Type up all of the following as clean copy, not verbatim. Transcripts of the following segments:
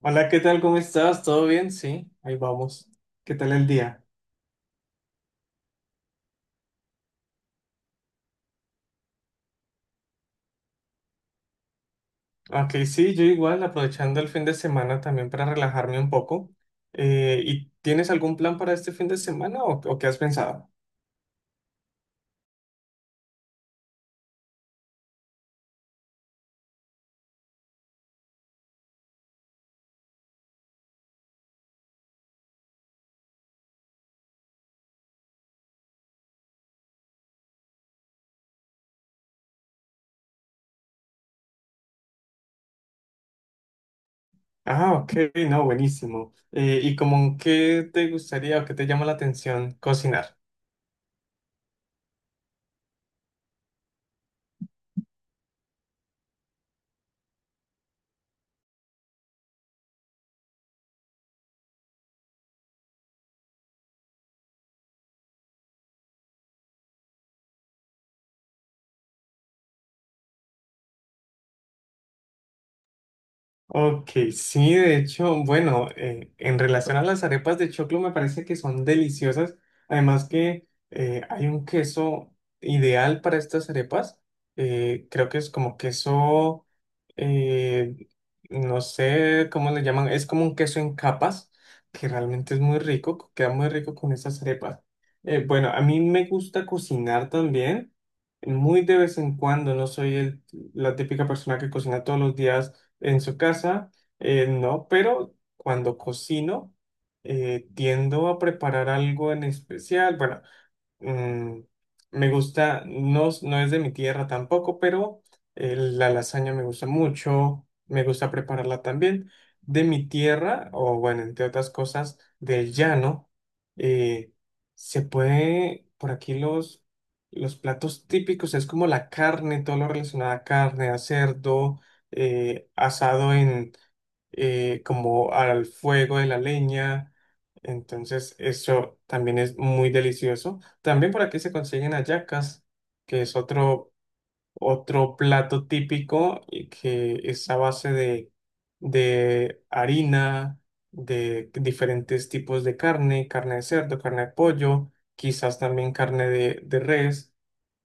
Hola, ¿qué tal? ¿Cómo estás? ¿Todo bien? Sí, ahí vamos. ¿Qué tal el día? Ok, sí, yo igual, aprovechando el fin de semana también para relajarme un poco. ¿Y tienes algún plan para este fin de semana o qué has pensado? Ah, ok, no, buenísimo. ¿Y como qué te gustaría o qué te llama la atención cocinar? Ok, sí, de hecho, bueno, en relación a las arepas de choclo me parece que son deliciosas. Además que hay un queso ideal para estas arepas. Creo que es como queso, eh, no sé cómo le llaman, es como un queso en capas, que realmente es muy rico, queda muy rico con estas arepas. Bueno, a mí me gusta cocinar también, muy de vez en cuando, no soy la típica persona que cocina todos los días en su casa, no, pero cuando cocino, tiendo a preparar algo en especial. Bueno, mm, me gusta, no, no es de mi tierra tampoco, pero la lasaña me gusta mucho, me gusta prepararla también. De mi tierra, o bueno, entre otras cosas, del llano, eh, se puede, por aquí los platos típicos es como la carne, todo lo relacionado a carne, a cerdo, asado en, como al fuego de la leña. Entonces, eso también es muy delicioso. También por aquí se consiguen hallacas, que es otro plato típico y que es a base de harina, de diferentes tipos de carne, carne de cerdo, carne de pollo, quizás también carne de res.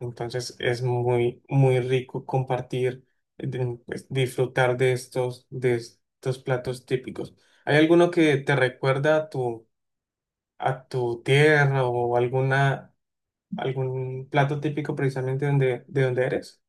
Entonces es muy rico compartir, pues, disfrutar de de estos platos típicos. ¿Hay alguno que te recuerda a a tu tierra o alguna algún plato típico precisamente de donde eres?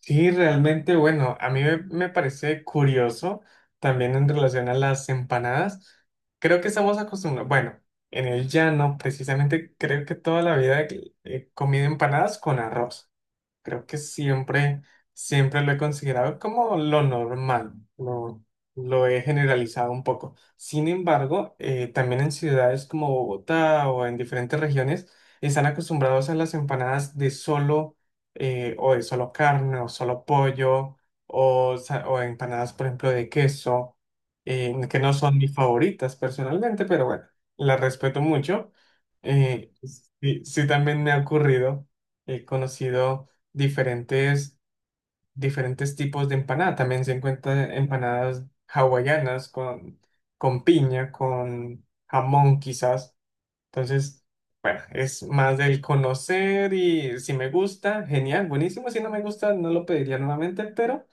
Sí, realmente, bueno, a mí me parece curioso también en relación a las empanadas. Creo que estamos acostumbrados, bueno, en el llano precisamente creo que toda la vida he comido empanadas con arroz. Creo que siempre lo he considerado como lo normal, lo he generalizado un poco. Sin embargo, también en ciudades como Bogotá o en diferentes regiones están acostumbrados a las empanadas de solo o de solo carne o solo pollo o, o empanadas, por ejemplo, de queso, que no son mis favoritas personalmente, pero bueno, las respeto mucho. Eh, sí, sí, también me ha ocurrido, he conocido diferentes, diferentes tipos de empanada. También se encuentran empanadas hawaianas con piña, con jamón quizás. Entonces, bueno, es más del conocer y si me gusta, genial, buenísimo. Si no me gusta, no lo pediría nuevamente, pero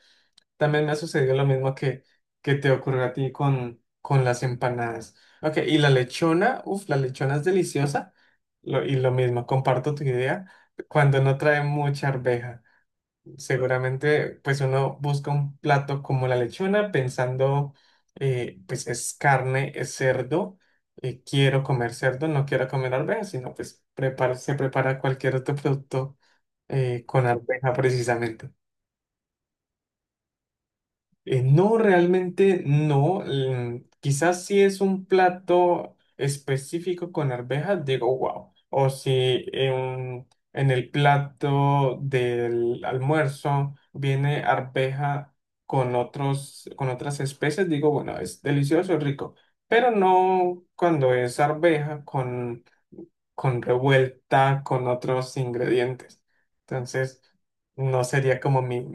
también me ha sucedido lo mismo que te ocurrió a ti con las empanadas. Ok, y la lechona, uff, la lechona es deliciosa. Y lo mismo, comparto tu idea cuando no trae mucha arveja. Seguramente, pues uno busca un plato como la lechona pensando, pues es carne, es cerdo, quiero comer cerdo, no quiero comer arveja, sino pues se prepara cualquier otro producto con arveja precisamente. No, realmente no. Mm, quizás si es un plato específico con arvejas, digo, wow. O si en el plato del almuerzo viene arveja con con otras especies, digo, bueno, es delicioso, rico. Pero no cuando es arveja con revuelta, con otros ingredientes. Entonces, no sería como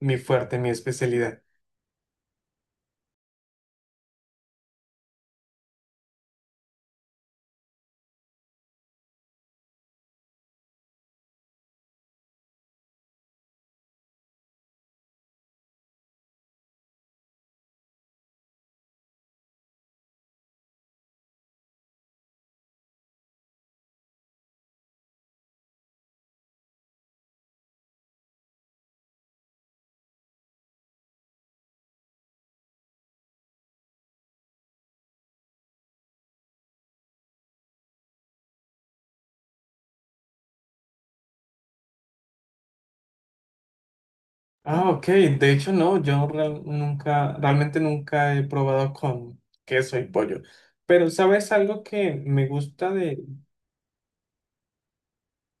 mi fuerte, mi especialidad. Ah, ok. De hecho, no, yo nunca, realmente nunca he probado con queso y pollo. Pero, ¿sabes algo que me gusta de...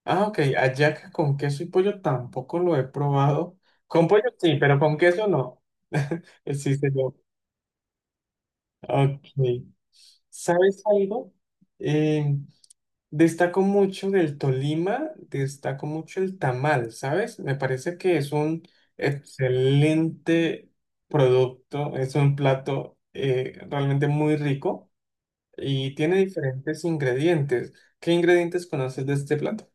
Ah, ok, hallaca con queso y pollo tampoco lo he probado. Con pollo sí, pero con queso no. Existe yo. Ok. ¿Sabes algo? Eh, Destaco mucho del Tolima, destaco mucho el tamal, ¿sabes? Me parece que es un excelente producto, es un plato realmente muy rico y tiene diferentes ingredientes. ¿Qué ingredientes conoces de este plato?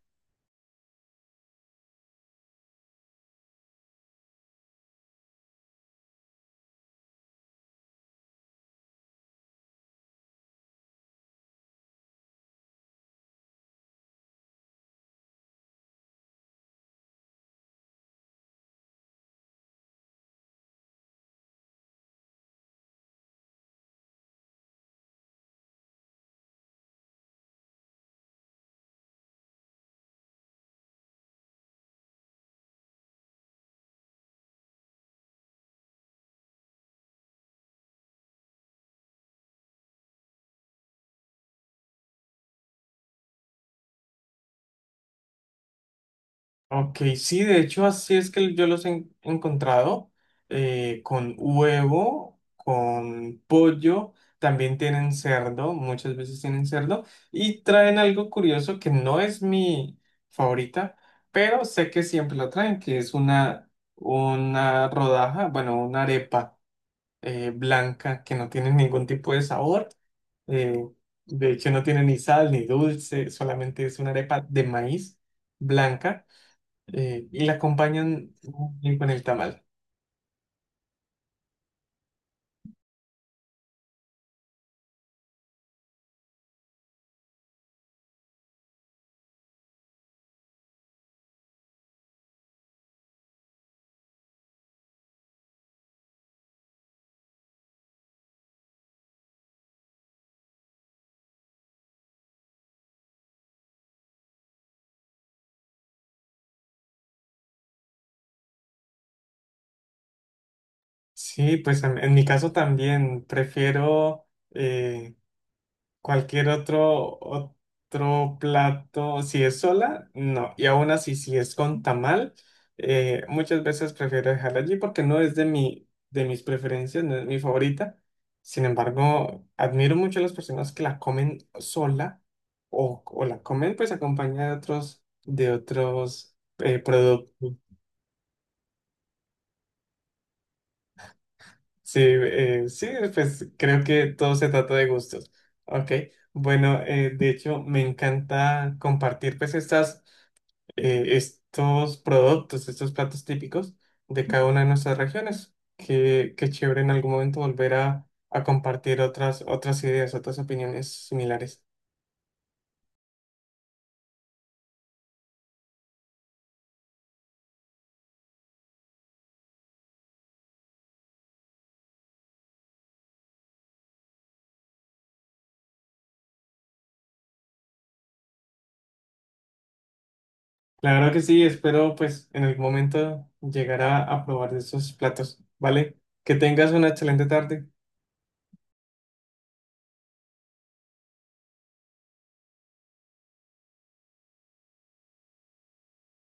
Ok, sí, de hecho así es que yo los he encontrado con huevo, con pollo, también tienen cerdo, muchas veces tienen cerdo y traen algo curioso que no es mi favorita, pero sé que siempre lo traen, que es una rodaja, bueno, una arepa blanca que no tiene ningún tipo de sabor. Eh, de hecho, no tiene ni sal ni dulce, solamente es una arepa de maíz blanca y la acompañan muy bien con el tamal. Sí, pues en mi caso también prefiero eh, cualquier otro plato. Si es sola, no. Y aún así, si es con tamal, muchas veces prefiero dejarla allí porque no es de de mis preferencias, no es mi favorita. Sin embargo, admiro mucho a las personas que la comen sola o la comen pues acompañada de de otros productos. Sí, sí, pues creo que todo se trata de gustos. Ok, bueno, de hecho me encanta compartir pues estos productos, estos platos típicos de cada una de nuestras regiones. Qué chévere en algún momento volver a compartir otras ideas, otras opiniones similares. Claro que sí, espero pues en algún momento llegar a probar de esos platos, ¿vale? Que tengas una excelente tarde.